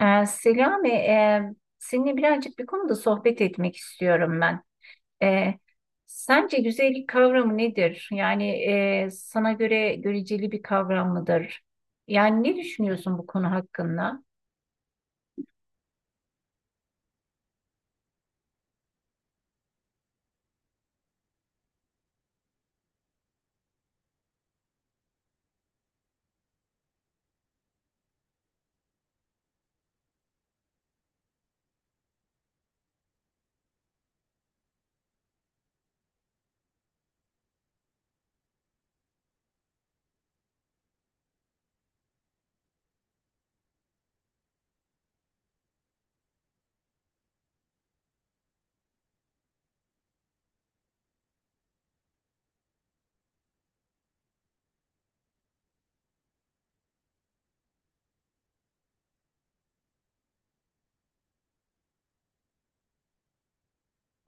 Selami, seninle birazcık bir konuda sohbet etmek istiyorum ben. Ee, Sence güzellik kavramı nedir? Yani sana göre göreceli bir kavram mıdır? Yani ne düşünüyorsun bu konu hakkında?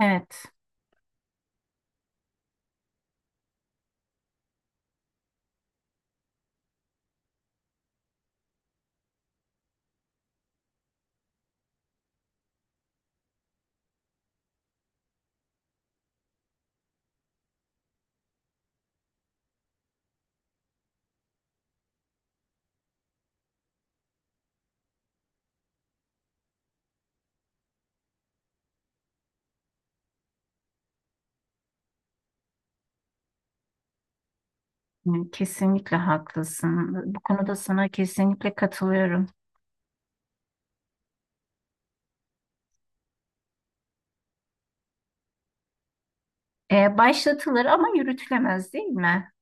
Evet. Hı, kesinlikle haklısın. Bu konuda sana kesinlikle katılıyorum. Başlatılır ama yürütülemez değil mi?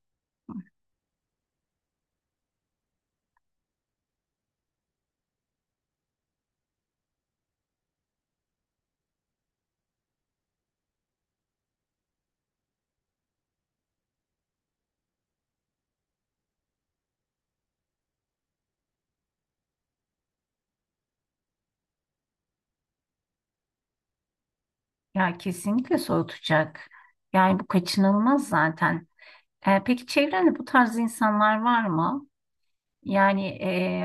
Ya kesinlikle soğutacak. Yani bu kaçınılmaz zaten. E, peki çevrende bu tarz insanlar var mı? Yani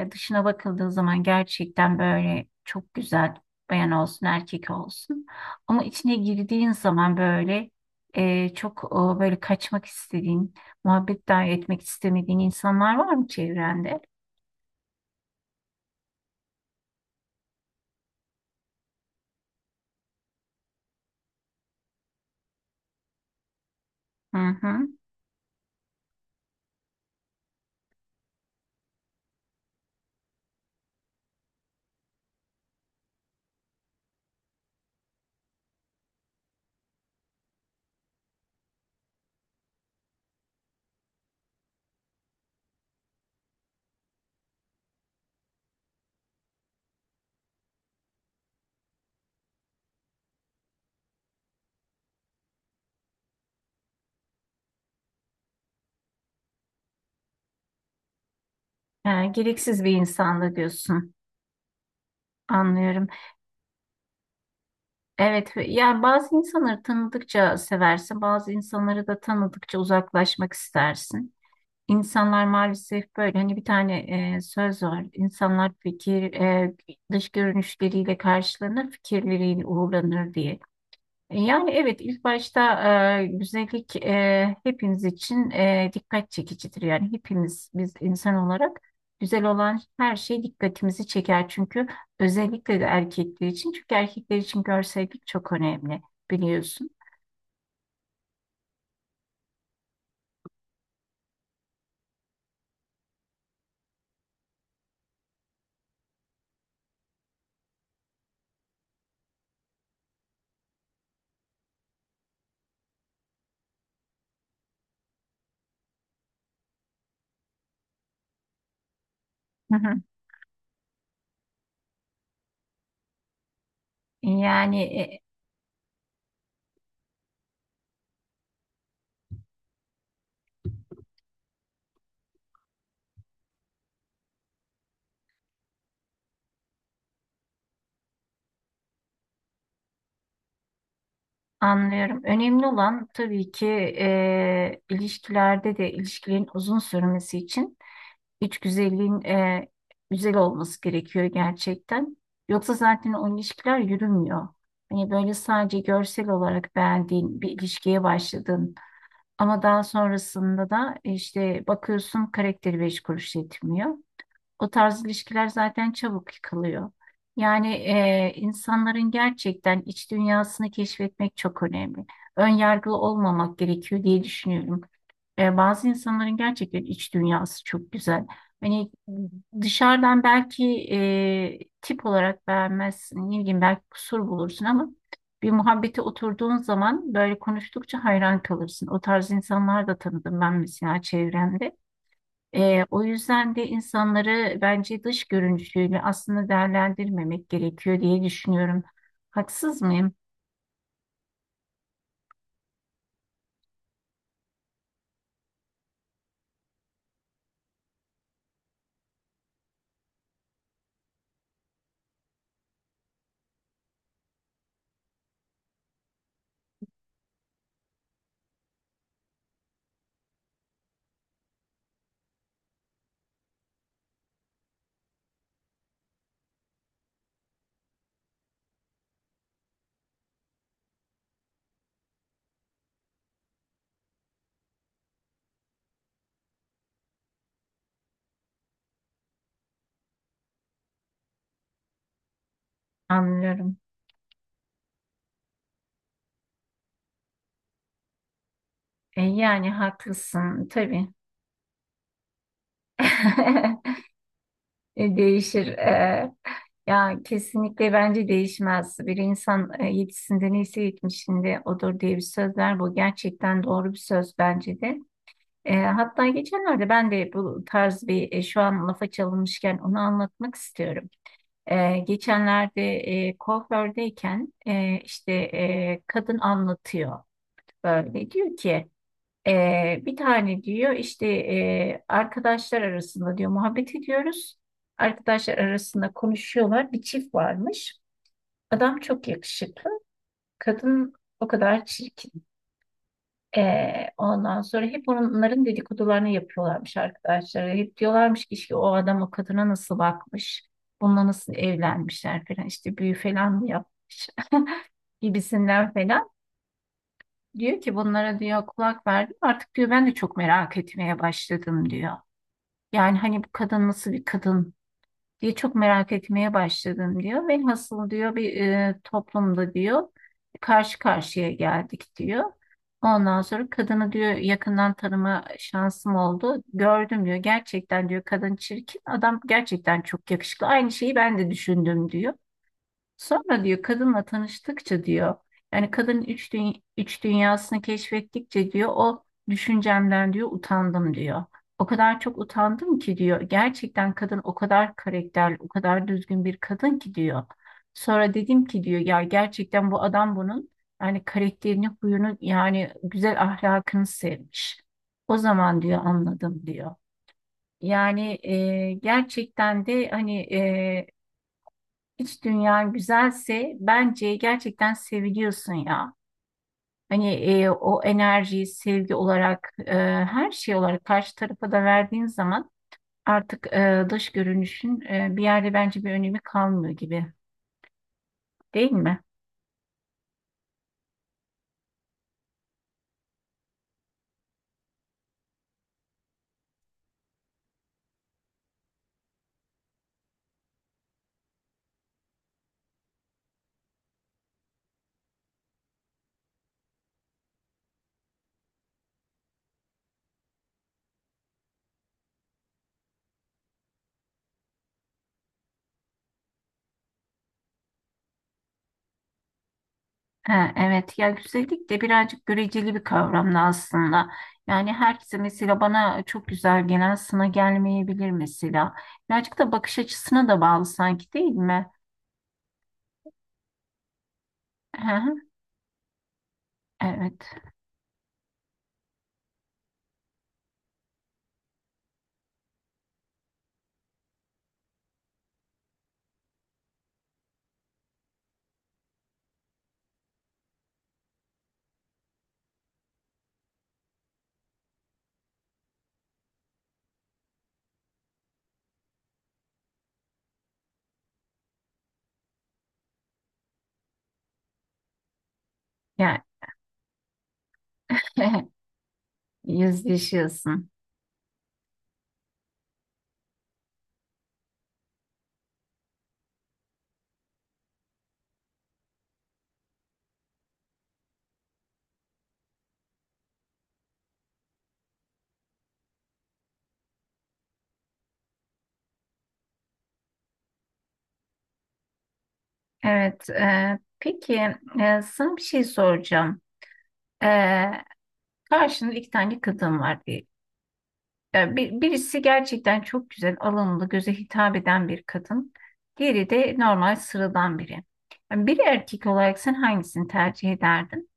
dışına bakıldığı zaman gerçekten böyle çok güzel bayan olsun, erkek olsun. Ama içine girdiğin zaman böyle çok böyle kaçmak istediğin, muhabbet dahi etmek istemediğin insanlar var mı çevrende? Hı hı. E, gereksiz bir insanda diyorsun. Anlıyorum. Evet, yani bazı insanları tanıdıkça seversin, bazı insanları da tanıdıkça uzaklaşmak istersin. İnsanlar maalesef böyle hani bir tane söz var. İnsanlar dış görünüşleriyle karşılanır, fikirleriyle uğurlanır diye. E, yani evet ilk başta güzellik hepimiz için dikkat çekicidir. Yani hepimiz biz insan olarak güzel olan her şey dikkatimizi çeker. Çünkü özellikle de erkekler için. Çünkü erkekler için görsellik çok önemli biliyorsun. Hı hı. Yani anlıyorum. Önemli olan tabii ki ilişkilerde de ilişkilerin uzun sürmesi için. İç güzelliğin güzel olması gerekiyor gerçekten. Yoksa zaten o ilişkiler yürümüyor. Hani böyle sadece görsel olarak beğendiğin bir ilişkiye başladın ama daha sonrasında da işte bakıyorsun karakteri beş kuruş yetmiyor. O tarz ilişkiler zaten çabuk yıkılıyor. Yani insanların gerçekten iç dünyasını keşfetmek çok önemli. Ön yargılı olmamak gerekiyor diye düşünüyorum. E, bazı insanların gerçekten iç dünyası çok güzel. Hani dışarıdan belki tip olarak beğenmezsin, ne bileyim belki kusur bulursun ama bir muhabbete oturduğun zaman böyle konuştukça hayran kalırsın. O tarz insanlar da tanıdım ben mesela çevremde. O yüzden de insanları bence dış görünüşüyle aslında değerlendirmemek gerekiyor diye düşünüyorum. Haksız mıyım? Anlıyorum. E, yani haklısın tabii. E, değişir. Ya kesinlikle bence değişmez. Bir insan yetisinde neyse yetmişinde odur diye bir söz var. Bu gerçekten doğru bir söz bence de. E, hatta geçenlerde ben de bu tarz bir şu an lafa çalınmışken onu anlatmak istiyorum. Geçenlerde kuafördeyken işte kadın anlatıyor böyle diyor ki bir tane diyor işte arkadaşlar arasında diyor muhabbet ediyoruz. Arkadaşlar arasında konuşuyorlar bir çift varmış. Adam çok yakışıklı kadın o kadar çirkin. Ondan sonra hep onların dedikodularını yapıyorlarmış arkadaşlar. Hep diyorlarmış ki işte o adam o kadına nasıl bakmış, bununla nasıl evlenmişler falan işte büyü falan mı yapmış gibisinden falan. Diyor ki bunlara diyor kulak verdim artık diyor ben de çok merak etmeye başladım diyor. Yani hani bu kadın nasıl bir kadın? Diye çok merak etmeye başladım diyor. Velhasıl diyor bir toplumda diyor karşı karşıya geldik diyor. Ondan sonra kadını diyor yakından tanıma şansım oldu. Gördüm diyor gerçekten diyor kadın çirkin adam gerçekten çok yakışıklı. Aynı şeyi ben de düşündüm diyor. Sonra diyor kadınla tanıştıkça diyor yani kadının üç dünyasını keşfettikçe diyor o düşüncemden diyor utandım diyor. O kadar çok utandım ki diyor gerçekten kadın o kadar karakterli o kadar düzgün bir kadın ki diyor. Sonra dedim ki diyor ya gerçekten bu adam bunun yani karakterini huyunu yani güzel ahlakını sevmiş. O zaman diyor anladım diyor. Yani gerçekten de hani İç dünyan güzelse bence gerçekten seviliyorsun ya. Hani o enerjiyi sevgi olarak her şey olarak karşı tarafa da verdiğin zaman artık dış görünüşün bir yerde bence bir önemi kalmıyor gibi değil mi? Ha, evet ya güzellik de birazcık göreceli bir kavram da aslında. Yani herkese mesela bana çok güzel gelen sana gelmeyebilir mesela. Birazcık da bakış açısına da bağlı sanki değil mi? Hı hı, evet. Yani yüzleşiyorsun. Evet. Peki sana bir şey soracağım. E, Karşında iki tane kadın var diye. E, birisi gerçekten çok güzel, alımlı, göze hitap eden bir kadın. Diğeri de normal, sıradan biri. Yani bir erkek olarak sen hangisini tercih ederdin?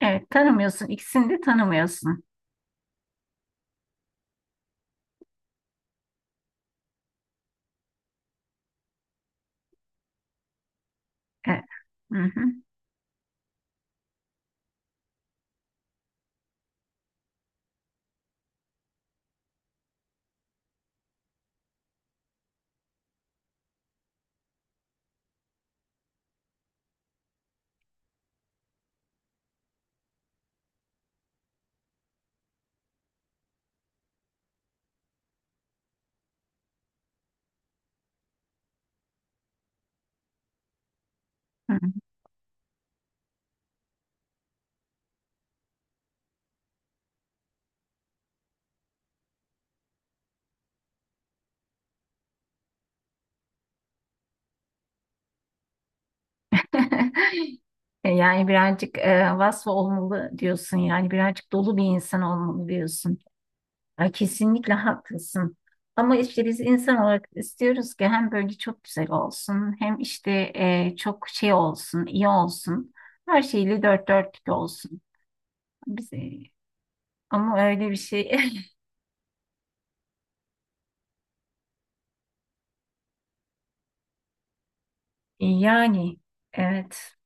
Evet, tanımıyorsun. İkisini de tanımıyorsun. E, hı hı, hı. E, yani birazcık vasfı olmalı diyorsun. Yani birazcık dolu bir insan olmalı diyorsun. Ay kesinlikle haklısın. Ama işte biz insan olarak istiyoruz ki hem böyle çok güzel olsun hem işte çok şey olsun, iyi olsun. Her şeyle dört dörtlük olsun. Biz, e, Ama öyle bir şey yani evet.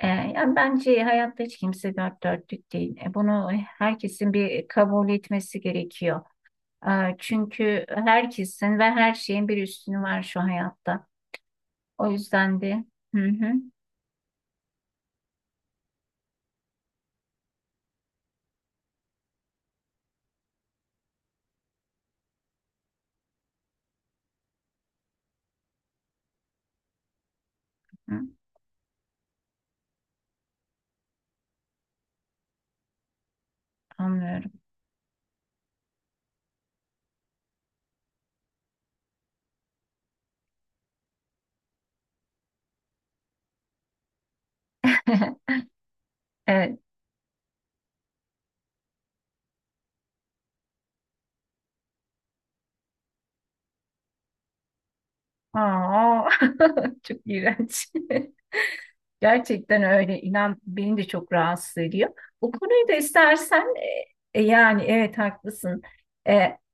E, yani bence hayatta hiç kimse dört dörtlük değil. E, bunu herkesin bir kabul etmesi gerekiyor. E, çünkü herkesin ve her şeyin bir üstünü var şu hayatta. O yüzden de hı hı, hı, anlıyorum. Evet. Aa, çok iğrenç. Gerçekten öyle. İnan beni de çok rahatsız ediyor. Bu konuyu da istersen yani evet haklısın. E,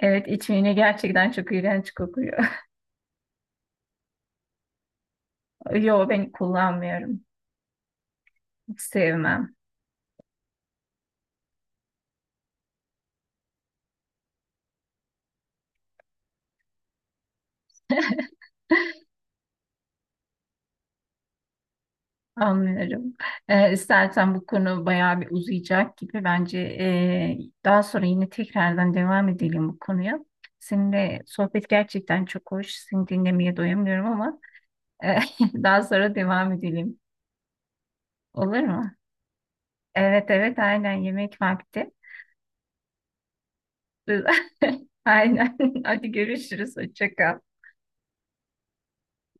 evet içmeyene gerçekten çok iğrenç kokuyor. Yo ben kullanmıyorum. Hiç sevmem. Anlıyorum. İstersen bu konu bayağı bir uzayacak gibi. Bence daha sonra yine tekrardan devam edelim bu konuya. Seninle sohbet gerçekten çok hoş. Seni dinlemeye doyamıyorum ama e, daha sonra devam edelim. Olur mu? Evet evet aynen yemek vakti. Aynen. Hadi görüşürüz. Hoşça kal.